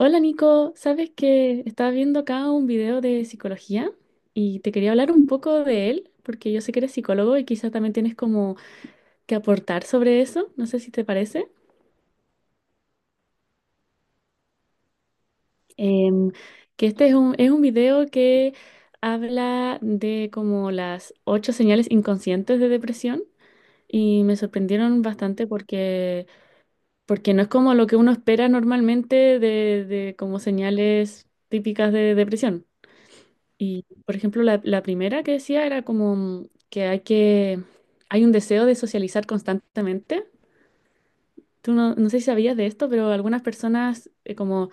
Hola Nico, sabes que estaba viendo acá un video de psicología y te quería hablar un poco de él, porque yo sé que eres psicólogo y quizás también tienes como que aportar sobre eso, no sé si te parece. Em, que este es un video que habla de como las 8 señales inconscientes de depresión y me sorprendieron bastante porque no es como lo que uno espera normalmente de como señales típicas de depresión. Y, por ejemplo, la primera que decía era como que hay un deseo de socializar constantemente. Tú no sé si sabías de esto, pero algunas personas como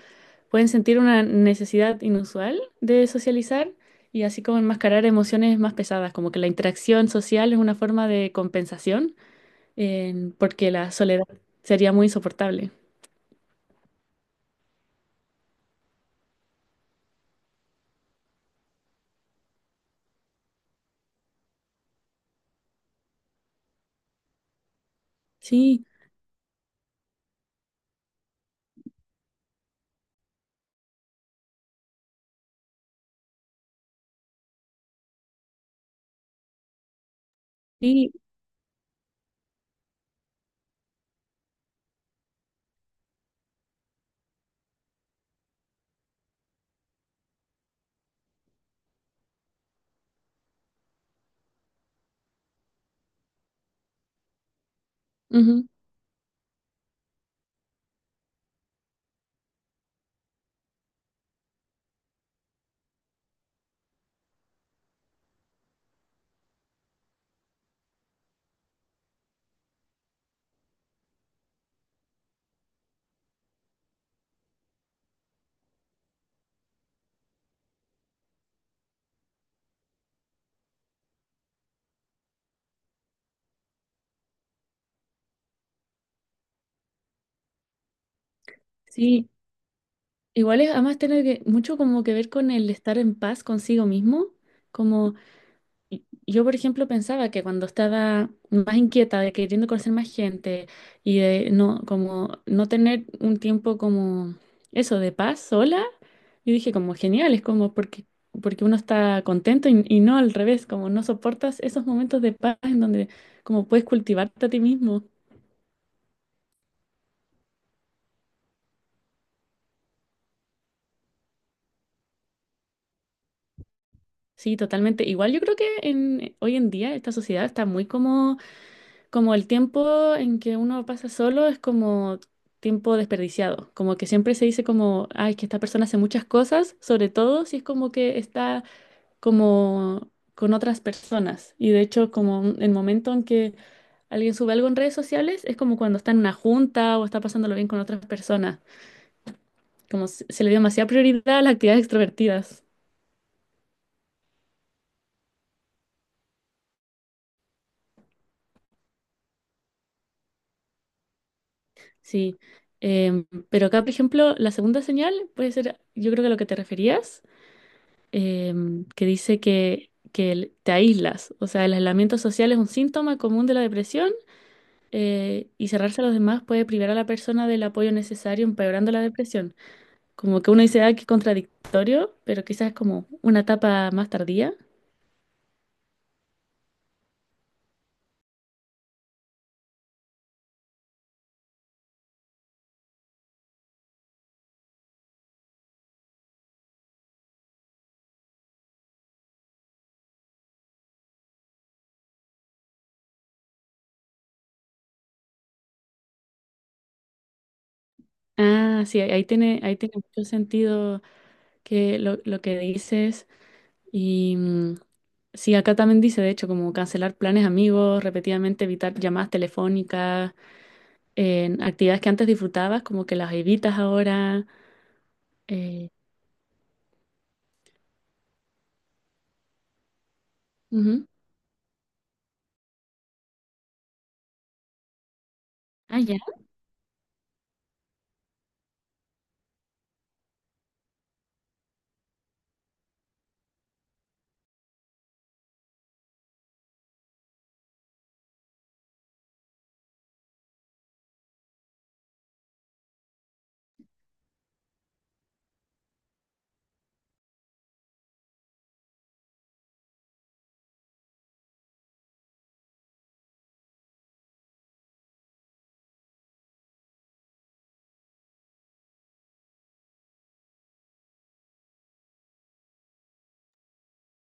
pueden sentir una necesidad inusual de socializar y así como enmascarar emociones más pesadas, como que la interacción social es una forma de compensación, porque la soledad sería muy insoportable. Sí, sí, ujú, sí. Igual es además tener que, mucho como que ver con el estar en paz consigo mismo. Como yo, por ejemplo, pensaba que cuando estaba más inquieta de queriendo conocer más gente y de no, como no tener un tiempo como eso, de paz sola, yo dije como genial, es como porque uno está contento y no al revés, como no soportas esos momentos de paz en donde como puedes cultivarte a ti mismo. Sí, totalmente. Igual yo creo que en, hoy en día esta sociedad está muy como. Como el tiempo en que uno pasa solo es como tiempo desperdiciado, como que siempre se dice como, ay, que esta persona hace muchas cosas, sobre todo si es como que está como con otras personas. Y de hecho, como el momento en que alguien sube algo en redes sociales es como cuando está en una junta o está pasándolo bien con otras personas, como se le dio demasiada prioridad a las actividades extrovertidas. Sí. Pero acá, por ejemplo, la segunda señal puede ser, yo creo que a lo que te referías, que dice que te aíslas. O sea, el aislamiento social es un síntoma común de la depresión, y cerrarse a los demás puede privar a la persona del apoyo necesario, empeorando la depresión. Como que uno dice, ah, qué contradictorio, pero quizás es como una etapa más tardía. Ah, sí, ahí tiene mucho sentido lo que dices. Y sí, acá también dice, de hecho, como cancelar planes amigos, repetidamente evitar llamadas telefónicas, en actividades que antes disfrutabas, como que las evitas ahora. eh, Ujú. Ah, ya.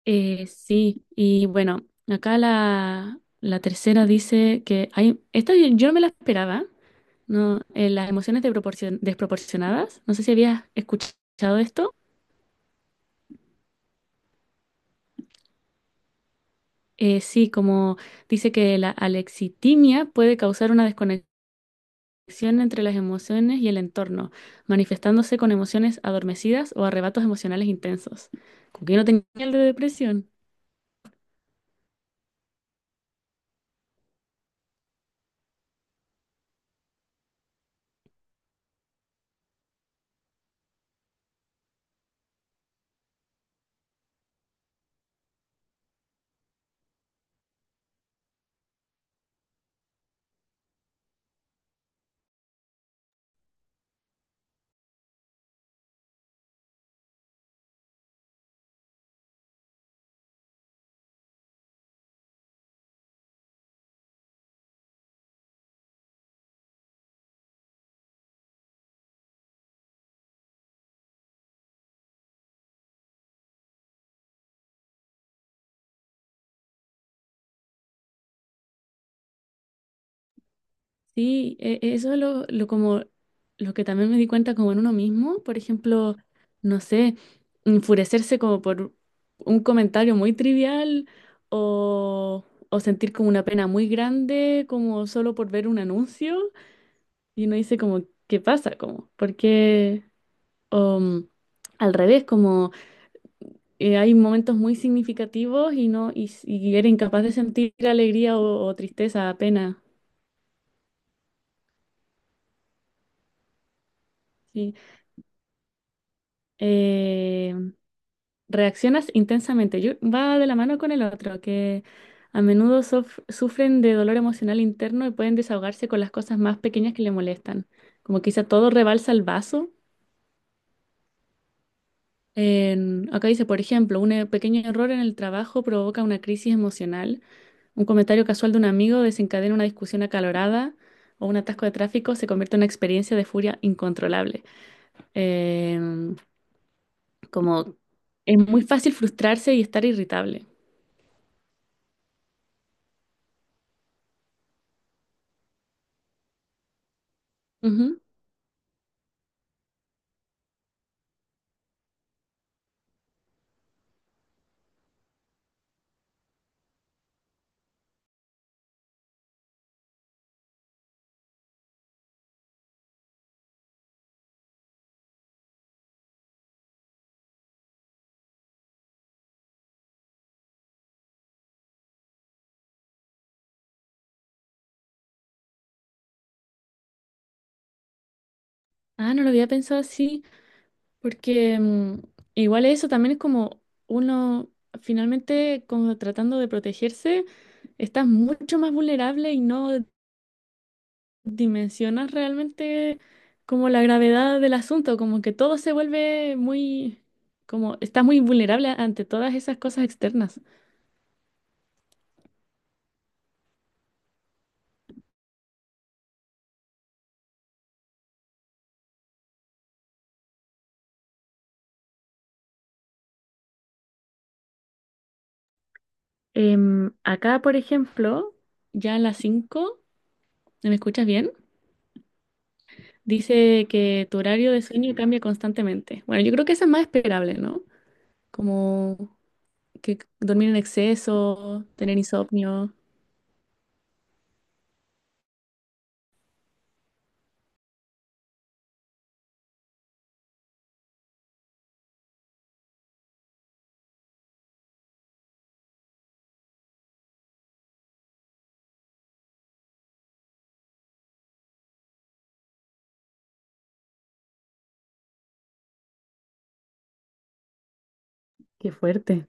Sí, y bueno, acá la tercera dice que hay, esta yo no me la esperaba, ¿no? Las emociones de desproporcionadas, no sé si habías escuchado esto. Sí, como dice que la alexitimia puede causar una desconexión conexión entre las emociones y el entorno, manifestándose con emociones adormecidas o arrebatos emocionales intensos. Como que yo no tenía el de depresión. Sí, eso es lo como, lo que también me di cuenta como en uno mismo, por ejemplo, no sé, enfurecerse como por un comentario muy trivial o sentir como una pena muy grande, como solo por ver un anuncio y uno dice como, ¿qué pasa? Como, ¿por qué? O, al revés, como hay momentos muy significativos y no y era incapaz de sentir alegría o tristeza, pena, ¿sí? Eh, Reaccionas intensamente. Va de la mano con el otro, que a menudo sufren de dolor emocional interno y pueden desahogarse con las cosas más pequeñas que le molestan. Como quizá todo rebalsa el vaso. Acá dice, por ejemplo, un pequeño error en el trabajo provoca una crisis emocional. Un comentario casual de un amigo desencadena una discusión acalorada o un atasco de tráfico se convierte en una experiencia de furia incontrolable. Em, Como es muy fácil frustrarse y estar irritable. Ujú. Ah, no lo había pensado así, porque igual eso también es como uno finalmente como tratando de protegerse, estás mucho más vulnerable y no dimensionas realmente como la gravedad del asunto, como que todo se vuelve muy, como está muy vulnerable ante todas esas cosas externas. Acá, por ejemplo, ya a las 5, ¿me escuchas bien? Dice que tu horario de sueño cambia constantemente. Bueno, yo creo que eso es más esperable, ¿no? Como que dormir en exceso, tener insomnio. Qué fuerte.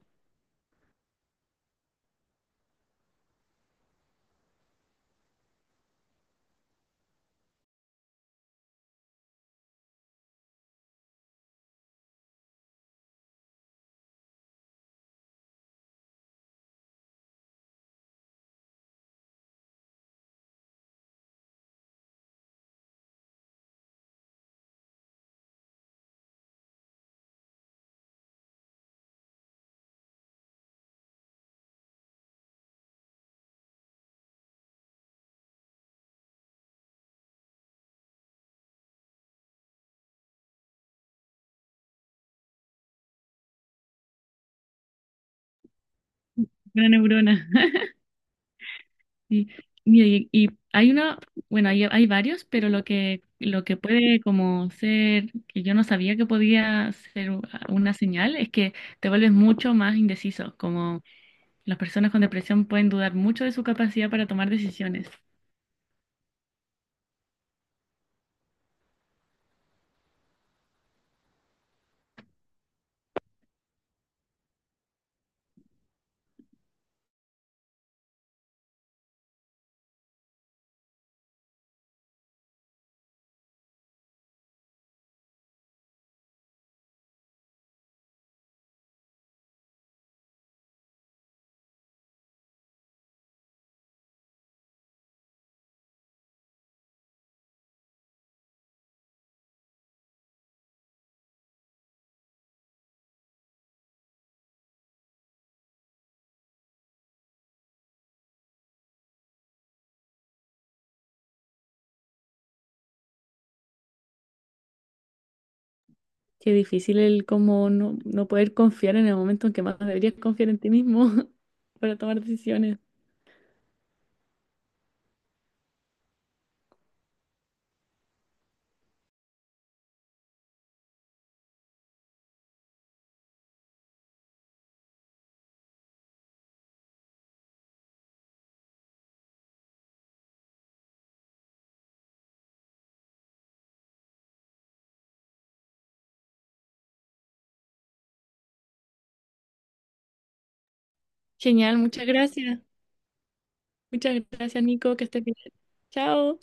Una neurona. Y, mira, y hay una, bueno, hay varios, pero lo lo que puede como ser, que yo no sabía que podía ser una señal, es que te vuelves mucho más indeciso, como las personas con depresión pueden dudar mucho de su capacidad para tomar decisiones. Qué difícil el como no poder confiar en el momento en que más deberías confiar en ti mismo para tomar decisiones. Genial, muchas gracias. Muchas gracias, Nico, que estés bien. Chao.